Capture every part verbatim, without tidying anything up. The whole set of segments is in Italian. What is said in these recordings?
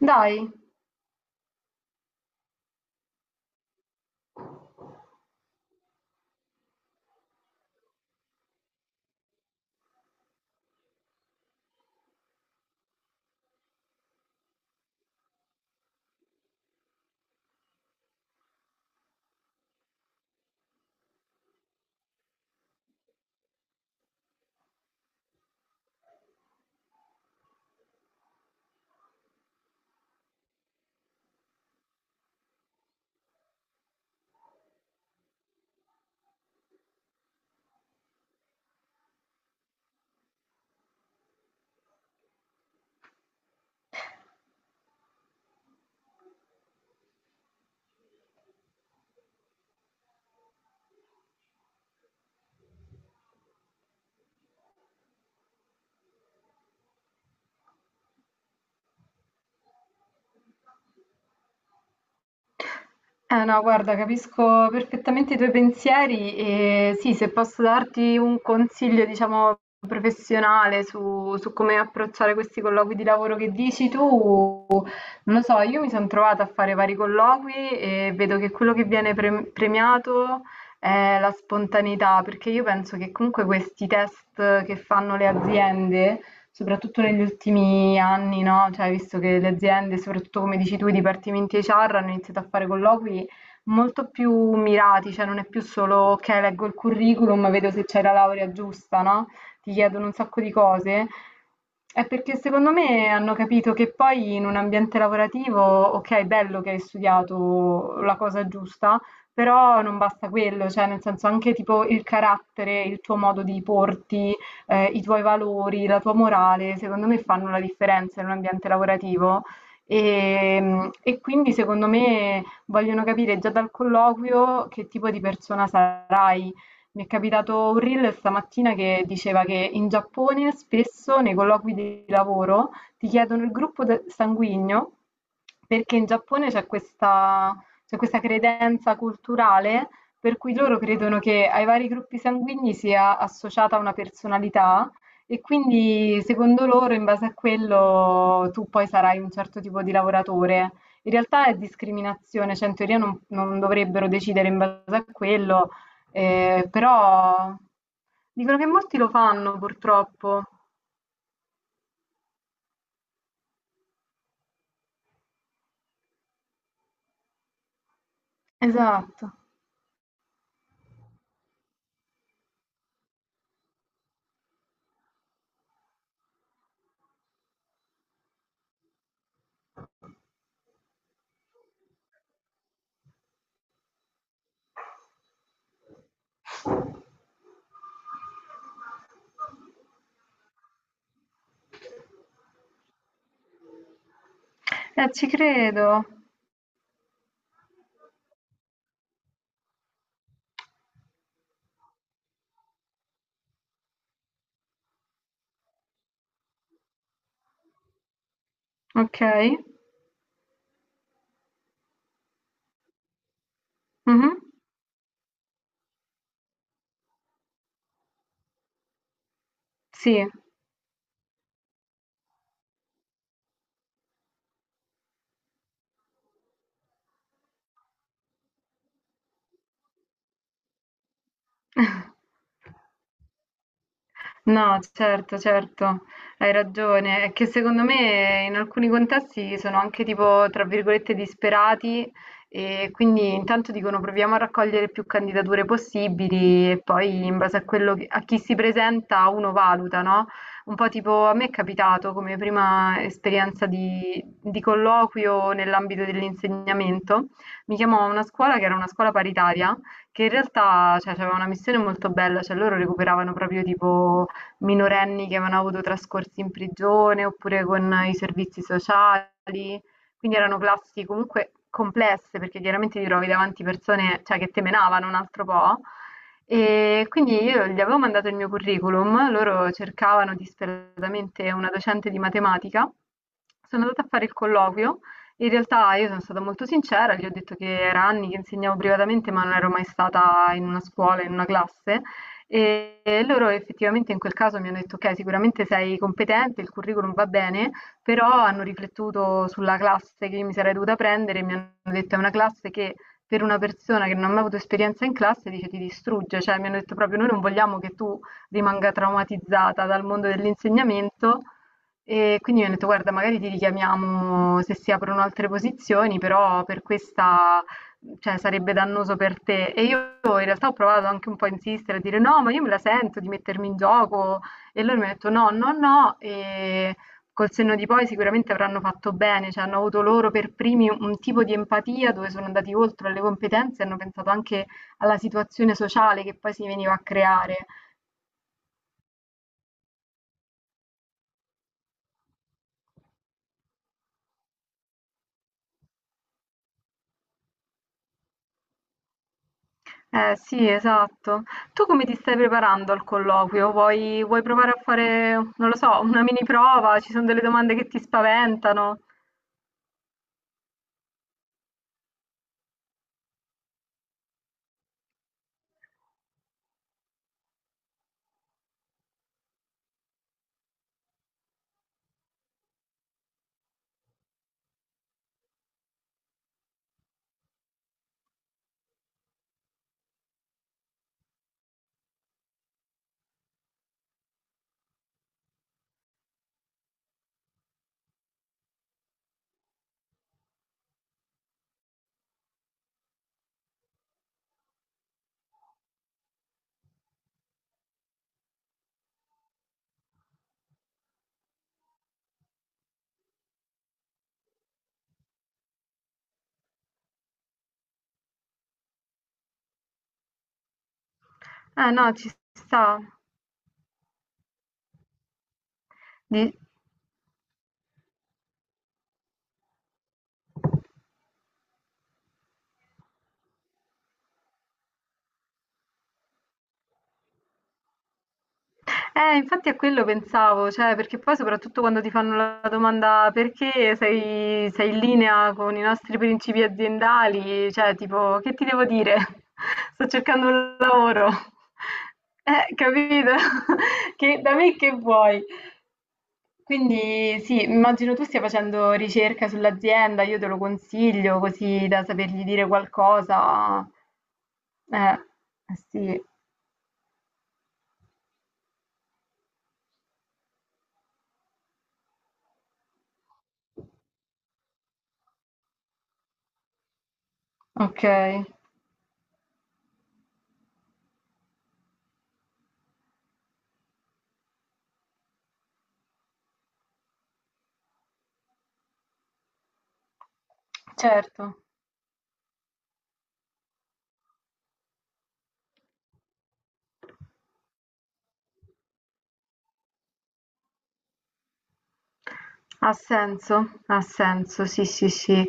Dai. Eh no, guarda, capisco perfettamente i tuoi pensieri e sì, se posso darti un consiglio, diciamo, professionale su, su come approcciare questi colloqui di lavoro che dici tu, Non lo so, io mi sono trovata a fare vari colloqui e vedo che quello che viene pre- premiato è la spontaneità, perché io penso che comunque questi test che fanno le aziende, soprattutto negli ultimi anni, no? Cioè, visto che le aziende, soprattutto come dici tu, i dipartimenti H R hanno iniziato a fare colloqui molto più mirati, cioè non è più solo ok, leggo il curriculum, vedo se c'è la laurea giusta, no? Ti chiedono un sacco di cose, è perché secondo me hanno capito che poi in un ambiente lavorativo, ok, è bello che hai studiato la cosa giusta, però non basta quello, cioè nel senso anche tipo il carattere, il tuo modo di porti, eh, i tuoi valori, la tua morale, secondo me fanno la differenza in un ambiente lavorativo. E, e quindi secondo me vogliono capire già dal colloquio che tipo di persona sarai Mi è capitato un reel stamattina che diceva che in Giappone spesso nei colloqui di lavoro ti chiedono il gruppo de- sanguigno perché in Giappone c'è questa, c'è questa credenza culturale per cui loro credono che ai vari gruppi sanguigni sia associata una personalità e quindi secondo loro in base a quello tu poi sarai un certo tipo di lavoratore. In realtà è discriminazione, cioè in teoria non non dovrebbero decidere in base a quello. Ehm, però dicono che molti lo fanno purtroppo. Esatto. Eh, ci credo. Okay. Mh-mh. Sì. No, certo, certo, hai ragione. È che secondo me in alcuni contesti sono anche tipo, tra virgolette, disperati e quindi intanto dicono proviamo a raccogliere più candidature possibili e poi in base a quello che- a chi si presenta uno valuta, no? Un po' tipo a me è capitato come prima esperienza di, di colloquio nell'ambito dell'insegnamento, mi chiamò una scuola che era una scuola paritaria che in realtà, cioè, aveva una missione molto bella, cioè loro recuperavano proprio tipo minorenni che avevano avuto trascorsi in prigione oppure con i servizi sociali, quindi erano classi comunque complesse perché chiaramente ti trovi davanti persone, cioè, che temenavano un altro po'. E quindi io gli avevo mandato il mio curriculum, loro cercavano disperatamente una docente di matematica. Sono andata a fare il colloquio. In realtà io sono stata molto sincera, gli ho detto che era anni che insegnavo privatamente, ma non ero mai stata in una scuola, in una classe. E loro effettivamente in quel caso mi hanno detto: "Okay, sicuramente sei competente, il curriculum va bene", però hanno riflettuto sulla classe che io mi sarei dovuta prendere e mi hanno detto: "È una classe che per una persona che non ha mai avuto esperienza in classe", dice, "ti distrugge". Cioè, mi hanno detto proprio: "Noi non vogliamo che tu rimanga traumatizzata dal mondo dell'insegnamento". E quindi mi hanno detto: "Guarda, magari ti richiamiamo se si aprono altre posizioni, però per questa Mhmm, cioè sarebbe dannoso per te. E io in realtà ho provato anche un po' a insistere, a dire: "No, ma io me la sento di mettermi in gioco". E loro mi han detto: "No, no, no". E col senno di poi sicuramente avranno fatto bene, cioè hanno avuto loro per primi un un tipo di empatia dove sono andati oltre alle competenze e hanno pensato anche alla situazione sociale che poi si veniva a creare. Eh sì, esatto. Tu come ti stai preparando al colloquio? Vuoi vuoi provare a fare, non lo so, una mini prova? Ci son delle domande che ti spaventano? Eh no, ci sta. Di- Eh, infatti a quello pensavo, cioè, perché poi soprattutto quando ti fanno la domanda perché sei, sei in linea con i nostri principi aziendali, cioè, tipo, che ti devo dire? Sto cercando un lavoro. Eh, capito? Che, da me che vuoi? Quindi sì, immagino tu stia facendo ricerca sull'azienda, io te lo consiglio così da sapergli dire qualcosa. Eh, sì. Okay, certo. Ha senso, ha senso, sì, sì, sì.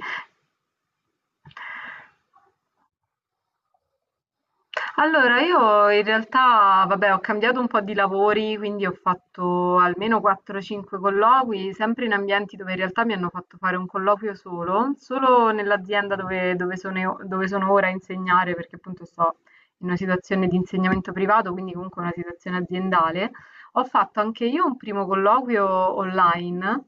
Allora, io in realtà, vabbè, ho cambiato un po' di lavori, quindi ho fatto almeno quattro o cinque colloqui, sempre in ambienti dove in realtà mi hanno fatto fare un colloquio solo, solo nell'azienda dove, dove sono, io- dove sono ora a insegnare, perché appunto sto in una situazione di insegnamento privato, quindi comunque una situazione aziendale. Ho fatto anche io un primo colloquio online.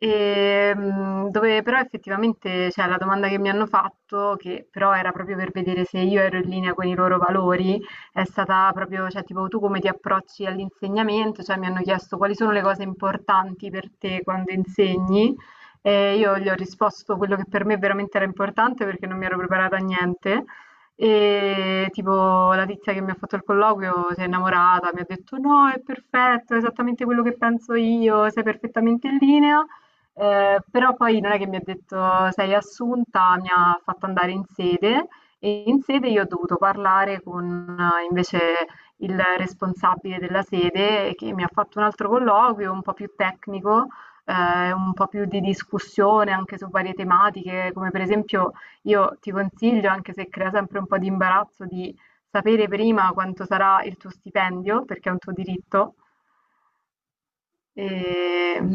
Ehm, dove però effettivamente, cioè, la domanda che mi hanno fatto, che però era proprio per vedere se io ero in linea con i loro valori, è stata proprio, cioè, tipo, tu come ti approcci all'insegnamento? Cioè, mi hanno chiesto quali sono le cose importanti per te quando insegni. E io gli ho risposto quello che per me veramente era importante perché non mi ero preparata a niente. E tipo la tizia che mi ha fatto il colloquio si è innamorata, mi ha detto no, è perfetto, è esattamente quello che penso io, sei perfettamente in linea. Ehm, però poi non è che mi ha detto: "Sei assunta", mi ha fatto andare in sede e in sede io ho dovuto parlare con eh, invece il responsabile della sede che mi ha fatto un altro colloquio un po' più tecnico, ehm, un po' più di discussione anche su varie tematiche, come per esempio io ti consiglio, anche se crea sempre un po' di imbarazzo, di sapere prima quanto sarà il tuo stipendio, perché è un tuo diritto. Ehm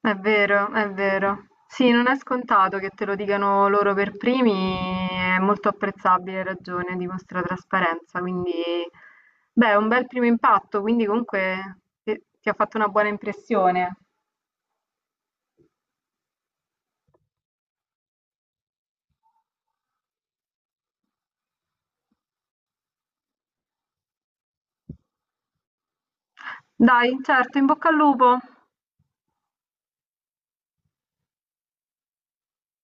È vero, è vero. Sì, non è scontato che te lo dicano loro per primi, è molto apprezzabile, hai ragione, dimostra trasparenza, quindi beh, è un bel primo impatto, quindi comunque ti, ti ha fatto una buona impressione. Dai, certo, in bocca al lupo.